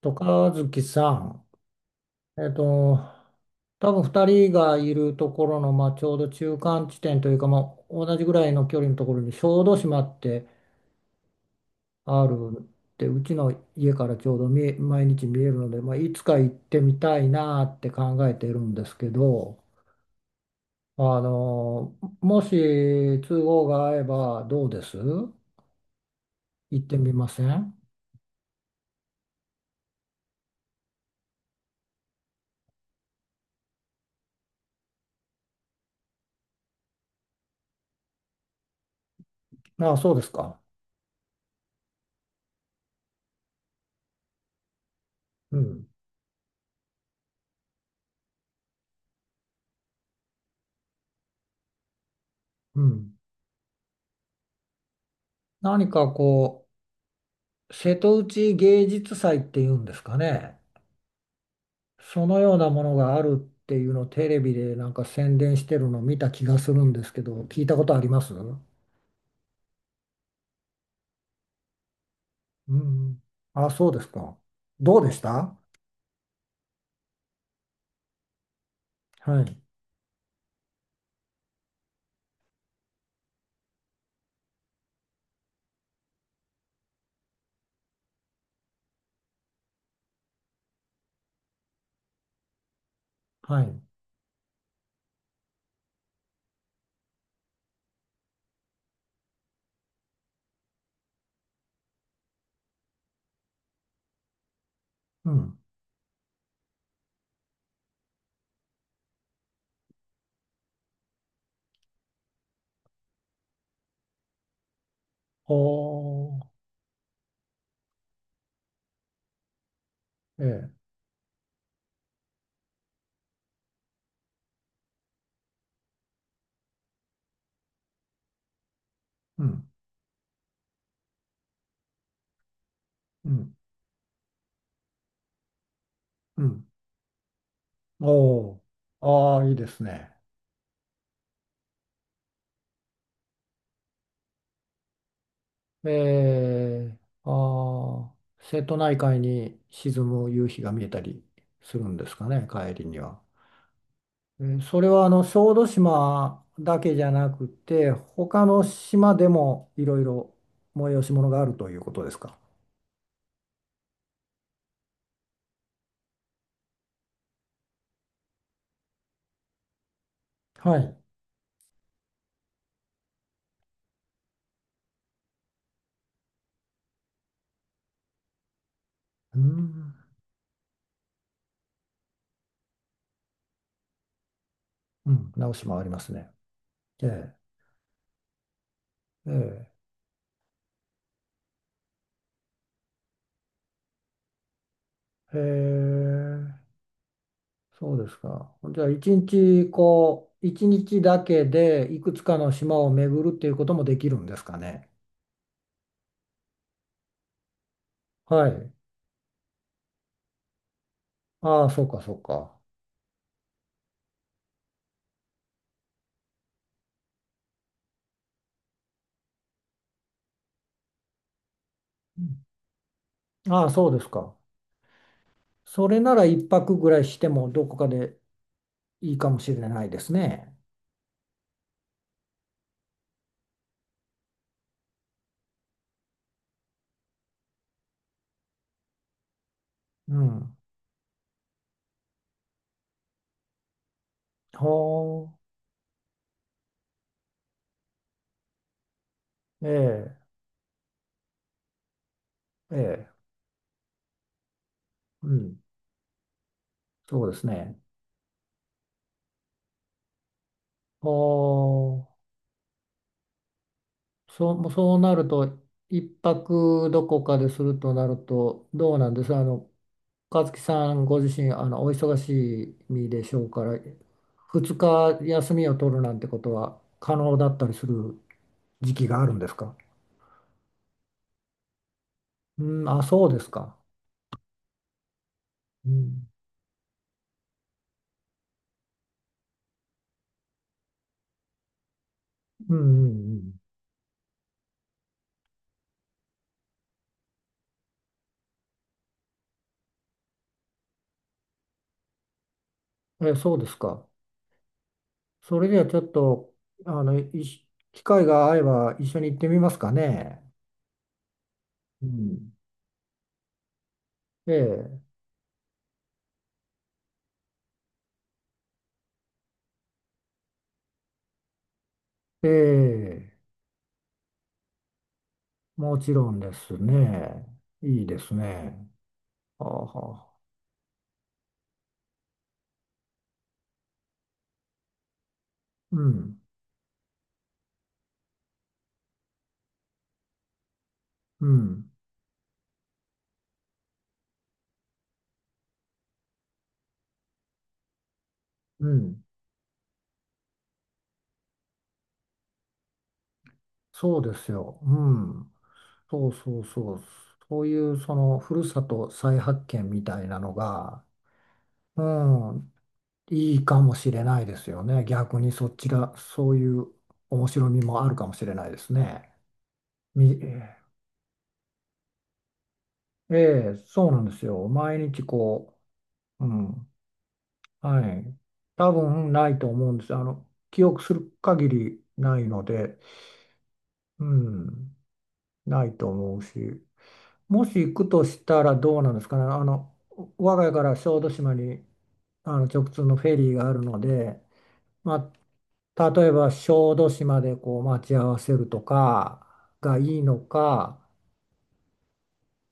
と、和樹さん、えっと、多分2人がいるところの、ちょうど中間地点というか、同じぐらいの距離のところに小豆島ってあるって、うちの家からちょうど毎日見えるので、いつか行ってみたいなって考えているんですけど、あのもし都合が合えばどうです、行ってみません？ああ、そうですか。うん。うん。何かこう瀬戸内芸術祭っていうんですかね。そのようなものがあるっていうのをテレビでなんか宣伝してるのを見た気がするんですけど、聞いたことあります？うん。あ、そうですか。どうでした？はい。はい。うん。おー。ええ。うん。うん。うん。おー。ああ、いいですね。えー、ああ、瀬戸内海に沈む夕日が見えたりするんですかね、帰りには。えー、それはあの小豆島だけじゃなくて他の島でもいろいろ催し物があるということですか。はい。うん、うん、直島ありますね。ええ、ええ、へえ、そうですか。じゃあ一日、こう一日だけでいくつかの島を巡るっていうこともできるんですかね。はい。ああ、そうかそうか。うん、ああ、そうですか。それなら一泊ぐらいしてもどこかでいいかもしれないですね。うん。ほう、ええ、ええ、うん。そうですね。ほう、そう、そうなると、一泊どこかでするとなると、どうなんです、和樹さんご自身、お忙しい身でしょうから、二日休みを取るなんてことは可能だったりする時期があるんですか？うん、あ、そうですか。うん、うん、うん、うん。え、そうですか。それではちょっと、あの、いし機会が合えば一緒に行ってみますかね。うん。ええ、ええ、もちろんですね。いいですね。はあはあ。うん、うん、うん。そうですよ。うん。そうそうそう。そういうそのふるさと再発見みたいなのが、うん、いいかもしれないですよね。逆にそっちが、そういう面白みもあるかもしれないですね。みええ、そうなんですよ。毎日こう、うん、はい。多分ないと思うんです。記憶する限りないので、うん、ないと思うし、もし行くとしたらどうなんですかね。我が家から小豆島に、直通のフェリーがあるので、ま例えば小豆島でこう待ち合わせるとかがいいのか、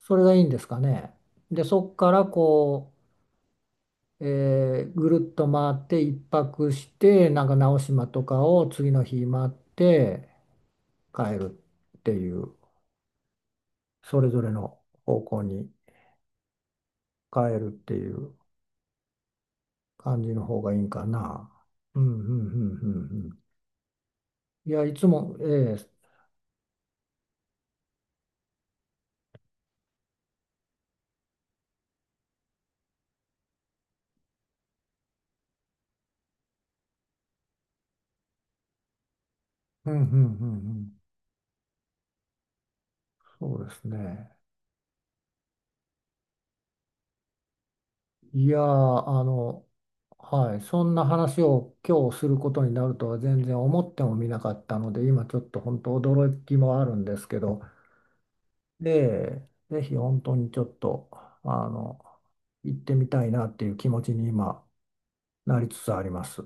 それがいいんですかね。で、そこからこう、えー、ぐるっと回って一泊してなんか直島とかを次の日回って帰るっていう、それぞれの方向に帰るっていう感じの方がいいんかな。うんうんうんうんうん。いやいつも、ええ、うんうんうんうん、そうですね。いやー、はい、そんな話を今日することになるとは全然思ってもみなかったので、今ちょっと本当驚きもあるんですけど。で、ぜひ本当にちょっと、あの、行ってみたいなっていう気持ちに今なりつつあります。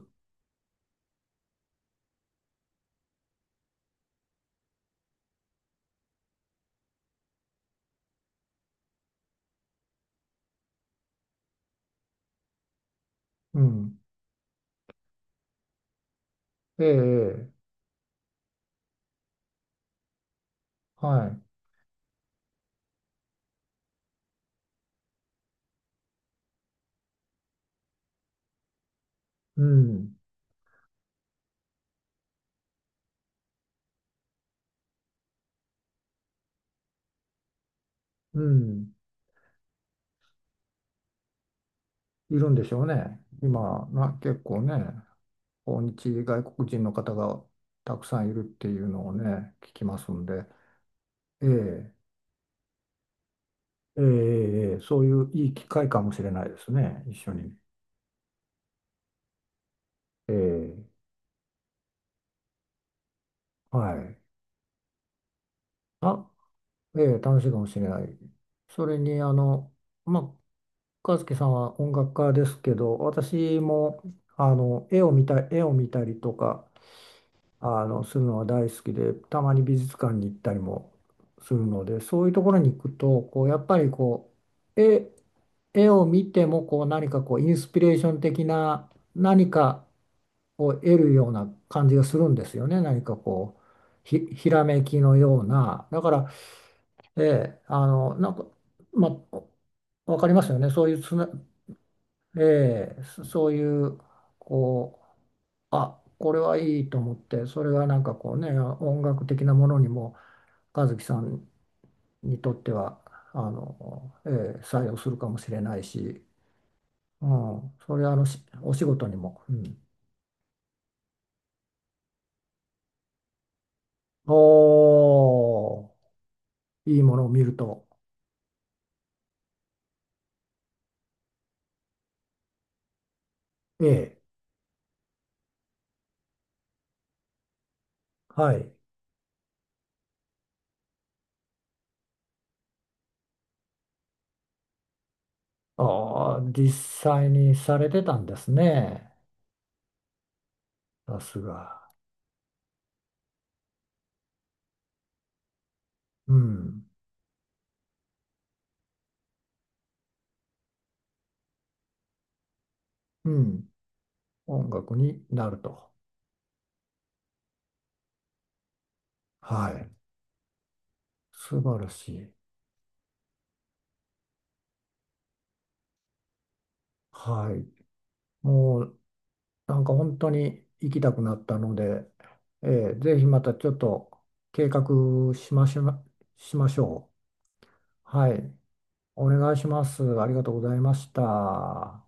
うん。ええ、ええ、はい。うん、うん。いるんでしょうね。今、結構ね、訪日外国人の方がたくさんいるっていうのをね、聞きますんで、ええ、ええ、ええ、そういういい機会かもしれないですね、一緒に。ええ、はい。あ、ええ、楽しいかもしれない。それに、まあ、和樹さんは音楽家ですけど、私も絵を見たりとか、するのは大好きで、たまに美術館に行ったりもするので、そういうところに行くと、こうやっぱりう絵、絵を見てもこう何かこうインスピレーション的な何かを得るような感じがするんですよね。何かこうひらめきのような。だから、ええ、まあ、わかりますよね。そういうつな、ええ、そういう、こう、あ、これはいいと思って、それがなんかこうね、音楽的なものにも、和樹さんにとっては、ええ、採用するかもしれないし、うん、それはあの、お仕事にも、うん、おー、いいものを見ると、ええ、はい、ああ、実際にされてたんですね、さすが、うん、うん、音楽になると。はい。素晴らしい。はい。もうなんか本当に行きたくなったので、えー、ぜひまたちょっと計画しましょう、しましょう。はい。お願いします。ありがとうございました。